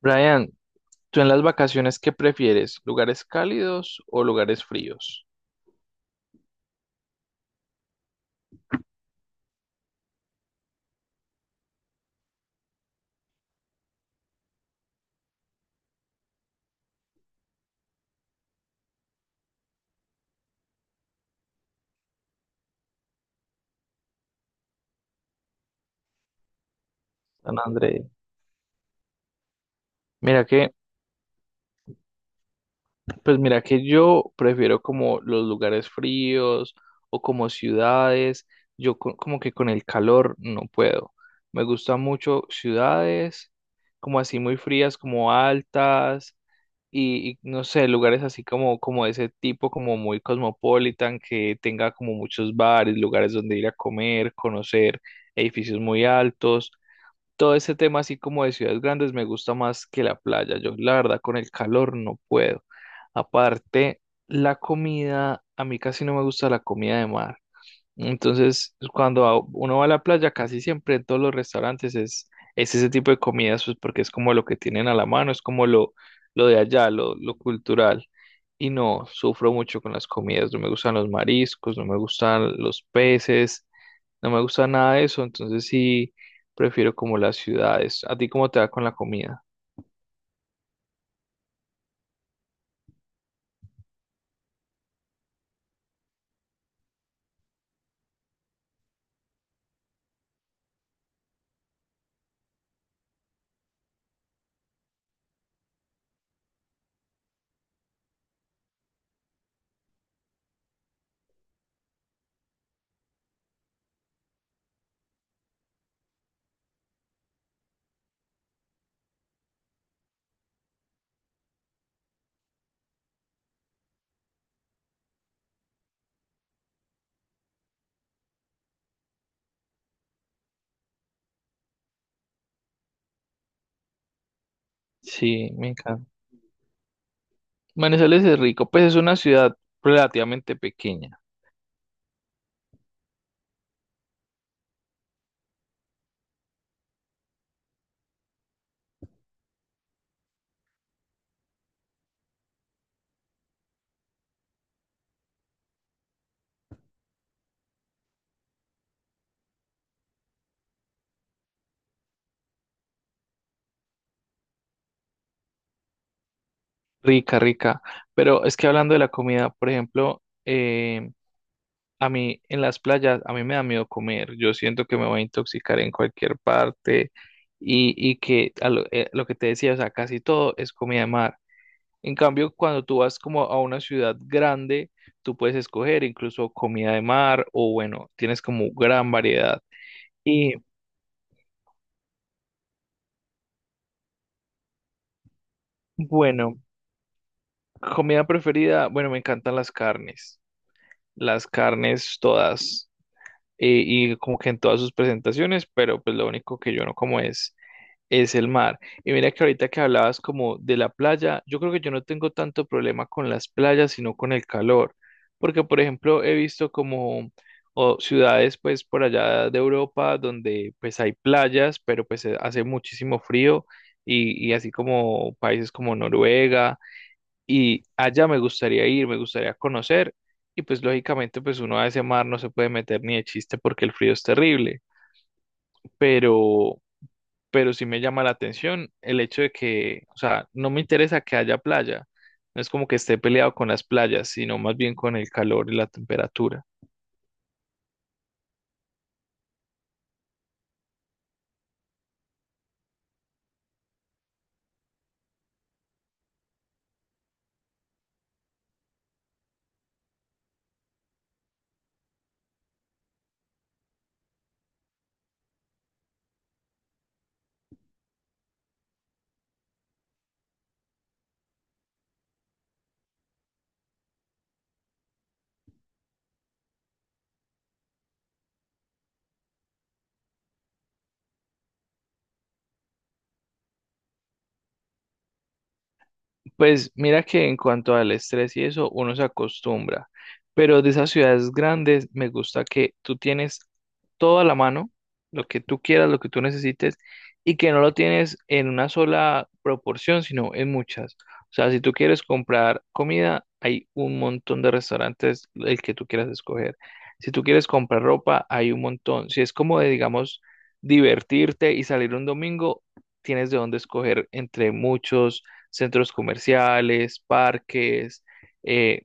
Brian, ¿tú en las vacaciones qué prefieres? ¿Lugares cálidos o lugares fríos? San Andrés. Mira que Pues mira que yo prefiero como los lugares fríos o como ciudades. Como que con el calor no puedo. Me gustan mucho ciudades como así muy frías, como altas y no sé, lugares así como, como de ese tipo, como muy cosmopolitan, que tenga como muchos bares, lugares donde ir a comer, conocer edificios muy altos, todo ese tema así como de ciudades grandes me gusta más que la playa. Yo, la verdad, con el calor no puedo. Aparte, la comida, a mí casi no me gusta la comida de mar. Entonces, cuando uno va a la playa, casi siempre en todos los restaurantes es ese tipo de comidas, pues porque es como lo que tienen a la mano, es como lo de allá, lo cultural. Y no, sufro mucho con las comidas, no me gustan los mariscos, no me gustan los peces. No me gusta nada de eso, entonces sí prefiero como las ciudades. ¿A ti cómo te va con la comida? Sí, me encanta. Manizales es rico, pues es una ciudad relativamente pequeña. Rica, rica, pero es que hablando de la comida, por ejemplo, a mí en las playas, a mí me da miedo comer. Yo siento que me voy a intoxicar en cualquier parte y que a lo que te decía, o sea, casi todo es comida de mar. En cambio, cuando tú vas como a una ciudad grande, tú puedes escoger incluso comida de mar o bueno, tienes como gran variedad. Y bueno, comida preferida, bueno, me encantan las carnes todas, y como que en todas sus presentaciones, pero pues lo único que yo no como es el mar. Y mira que ahorita que hablabas como de la playa, yo creo que yo no tengo tanto problema con las playas, sino con el calor, porque por ejemplo he visto como o ciudades pues por allá de Europa donde pues hay playas, pero pues hace muchísimo frío y así como países como Noruega, y allá me gustaría ir, me gustaría conocer. Y pues lógicamente pues uno a ese mar no se puede meter ni de chiste porque el frío es terrible, pero pero sí me llama la atención el hecho de que, o sea, no me interesa que haya playa. No es como que esté peleado con las playas, sino más bien con el calor y la temperatura. Pues mira que en cuanto al estrés y eso, uno se acostumbra, pero de esas ciudades grandes me gusta que tú tienes todo a la mano, lo que tú quieras, lo que tú necesites, y que no lo tienes en una sola proporción, sino en muchas. O sea, si tú quieres comprar comida, hay un montón de restaurantes el que tú quieras escoger. Si tú quieres comprar ropa, hay un montón. Si es como de, digamos, divertirte y salir un domingo, tienes de dónde escoger entre muchos centros comerciales, parques, eh,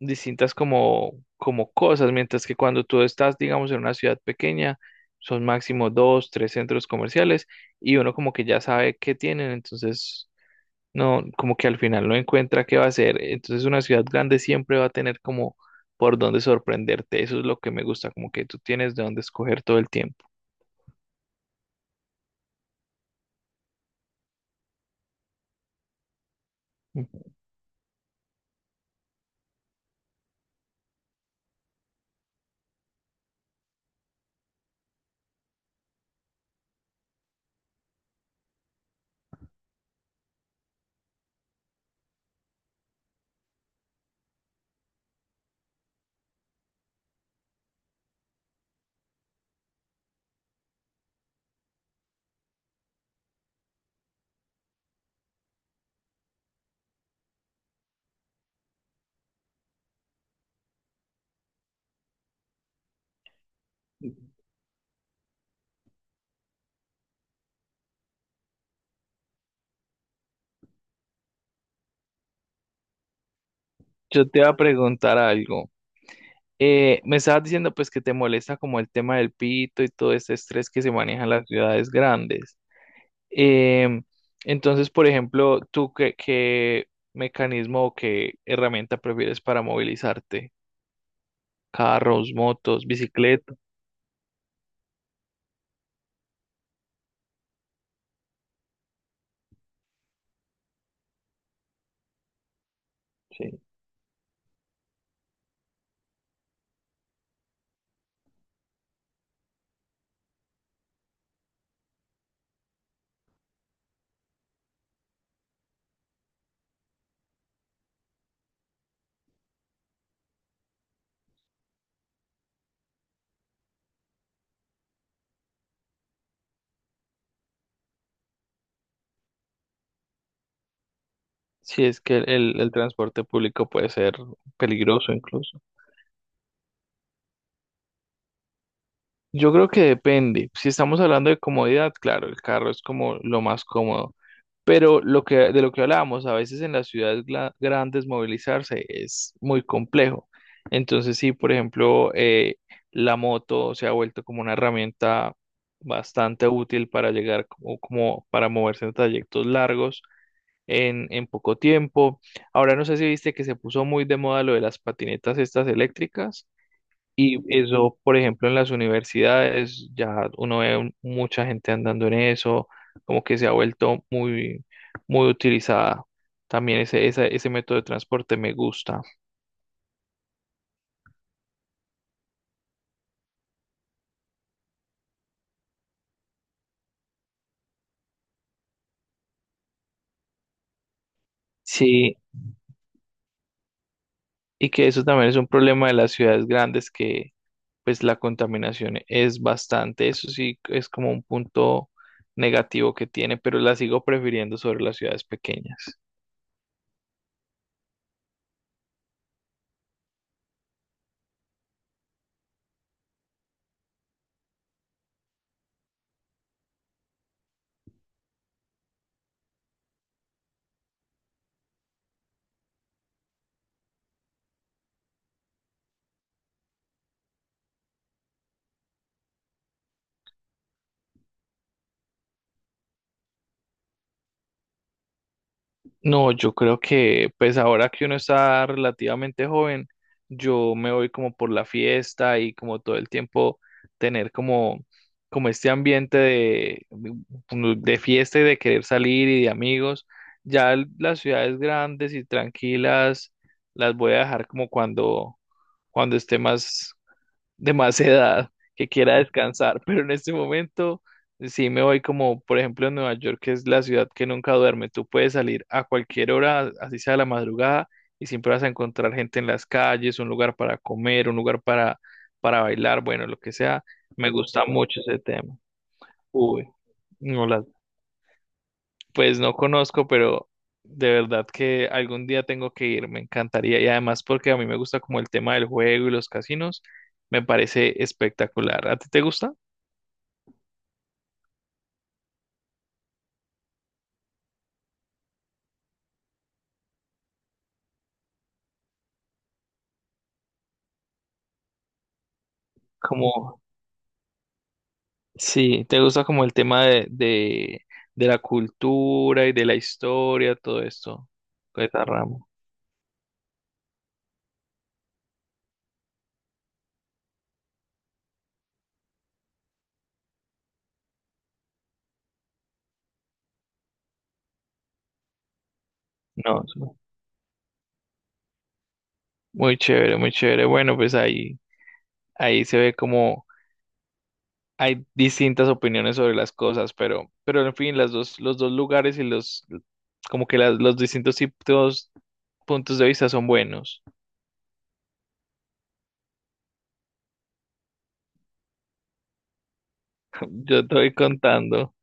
distintas como, como cosas, mientras que cuando tú estás, digamos, en una ciudad pequeña, son máximo dos, tres centros comerciales y uno como que ya sabe qué tienen, entonces no, como que al final no encuentra qué va a hacer, entonces una ciudad grande siempre va a tener como por dónde sorprenderte, eso es lo que me gusta, como que tú tienes de dónde escoger todo el tiempo. Yo te voy a preguntar algo. Me estabas diciendo pues que te molesta como el tema del pito y todo este estrés que se maneja en las ciudades grandes. Em, entonces, por ejemplo, ¿tú qué mecanismo o qué herramienta prefieres para movilizarte? ¿Carros, motos, bicicleta? Sí, sí es que el transporte público puede ser peligroso incluso. Yo creo que depende. Si estamos hablando de comodidad, claro, el carro es como lo más cómodo. Pero de lo que hablábamos, a veces en las ciudades grandes movilizarse es muy complejo. Entonces, sí, por ejemplo, la moto se ha vuelto como una herramienta bastante útil para llegar como, como para moverse en trayectos largos en poco tiempo. Ahora no sé si viste que se puso muy de moda lo de las patinetas estas eléctricas. Y eso, por ejemplo, en las universidades ya uno ve mucha gente andando en eso, como que se ha vuelto muy utilizada. También ese método de transporte me gusta. Sí, y que eso también es un problema de las ciudades grandes, que pues la contaminación es bastante. Eso sí es como un punto negativo que tiene, pero la sigo prefiriendo sobre las ciudades pequeñas. No, yo creo que pues ahora que uno está relativamente joven, yo me voy como por la fiesta y como todo el tiempo tener como, como este ambiente de fiesta y de querer salir y de amigos. Ya las ciudades grandes y tranquilas las voy a dejar como cuando, cuando esté más, de más edad que quiera descansar, pero en este momento sí me voy como, por ejemplo, en Nueva York, que es la ciudad que nunca duerme. Tú puedes salir a cualquier hora, así sea la madrugada, y siempre vas a encontrar gente en las calles, un lugar para comer, un lugar para bailar, bueno, lo que sea. Me gusta mucho ese tema. Uy, no las pues no conozco, pero de verdad que algún día tengo que ir, me encantaría. Y además porque a mí me gusta como el tema del juego y los casinos, me parece espectacular. ¿A ti te gusta? Como, sí, te gusta como el tema de la cultura y de la historia, todo esto, con esta rama. No, es muy chévere, muy chévere. Bueno, pues ahí, ahí se ve como... hay distintas opiniones sobre las cosas, pero en fin, las dos, los dos lugares y los, como que los distintos tipos, puntos de vista son buenos. Yo estoy contando.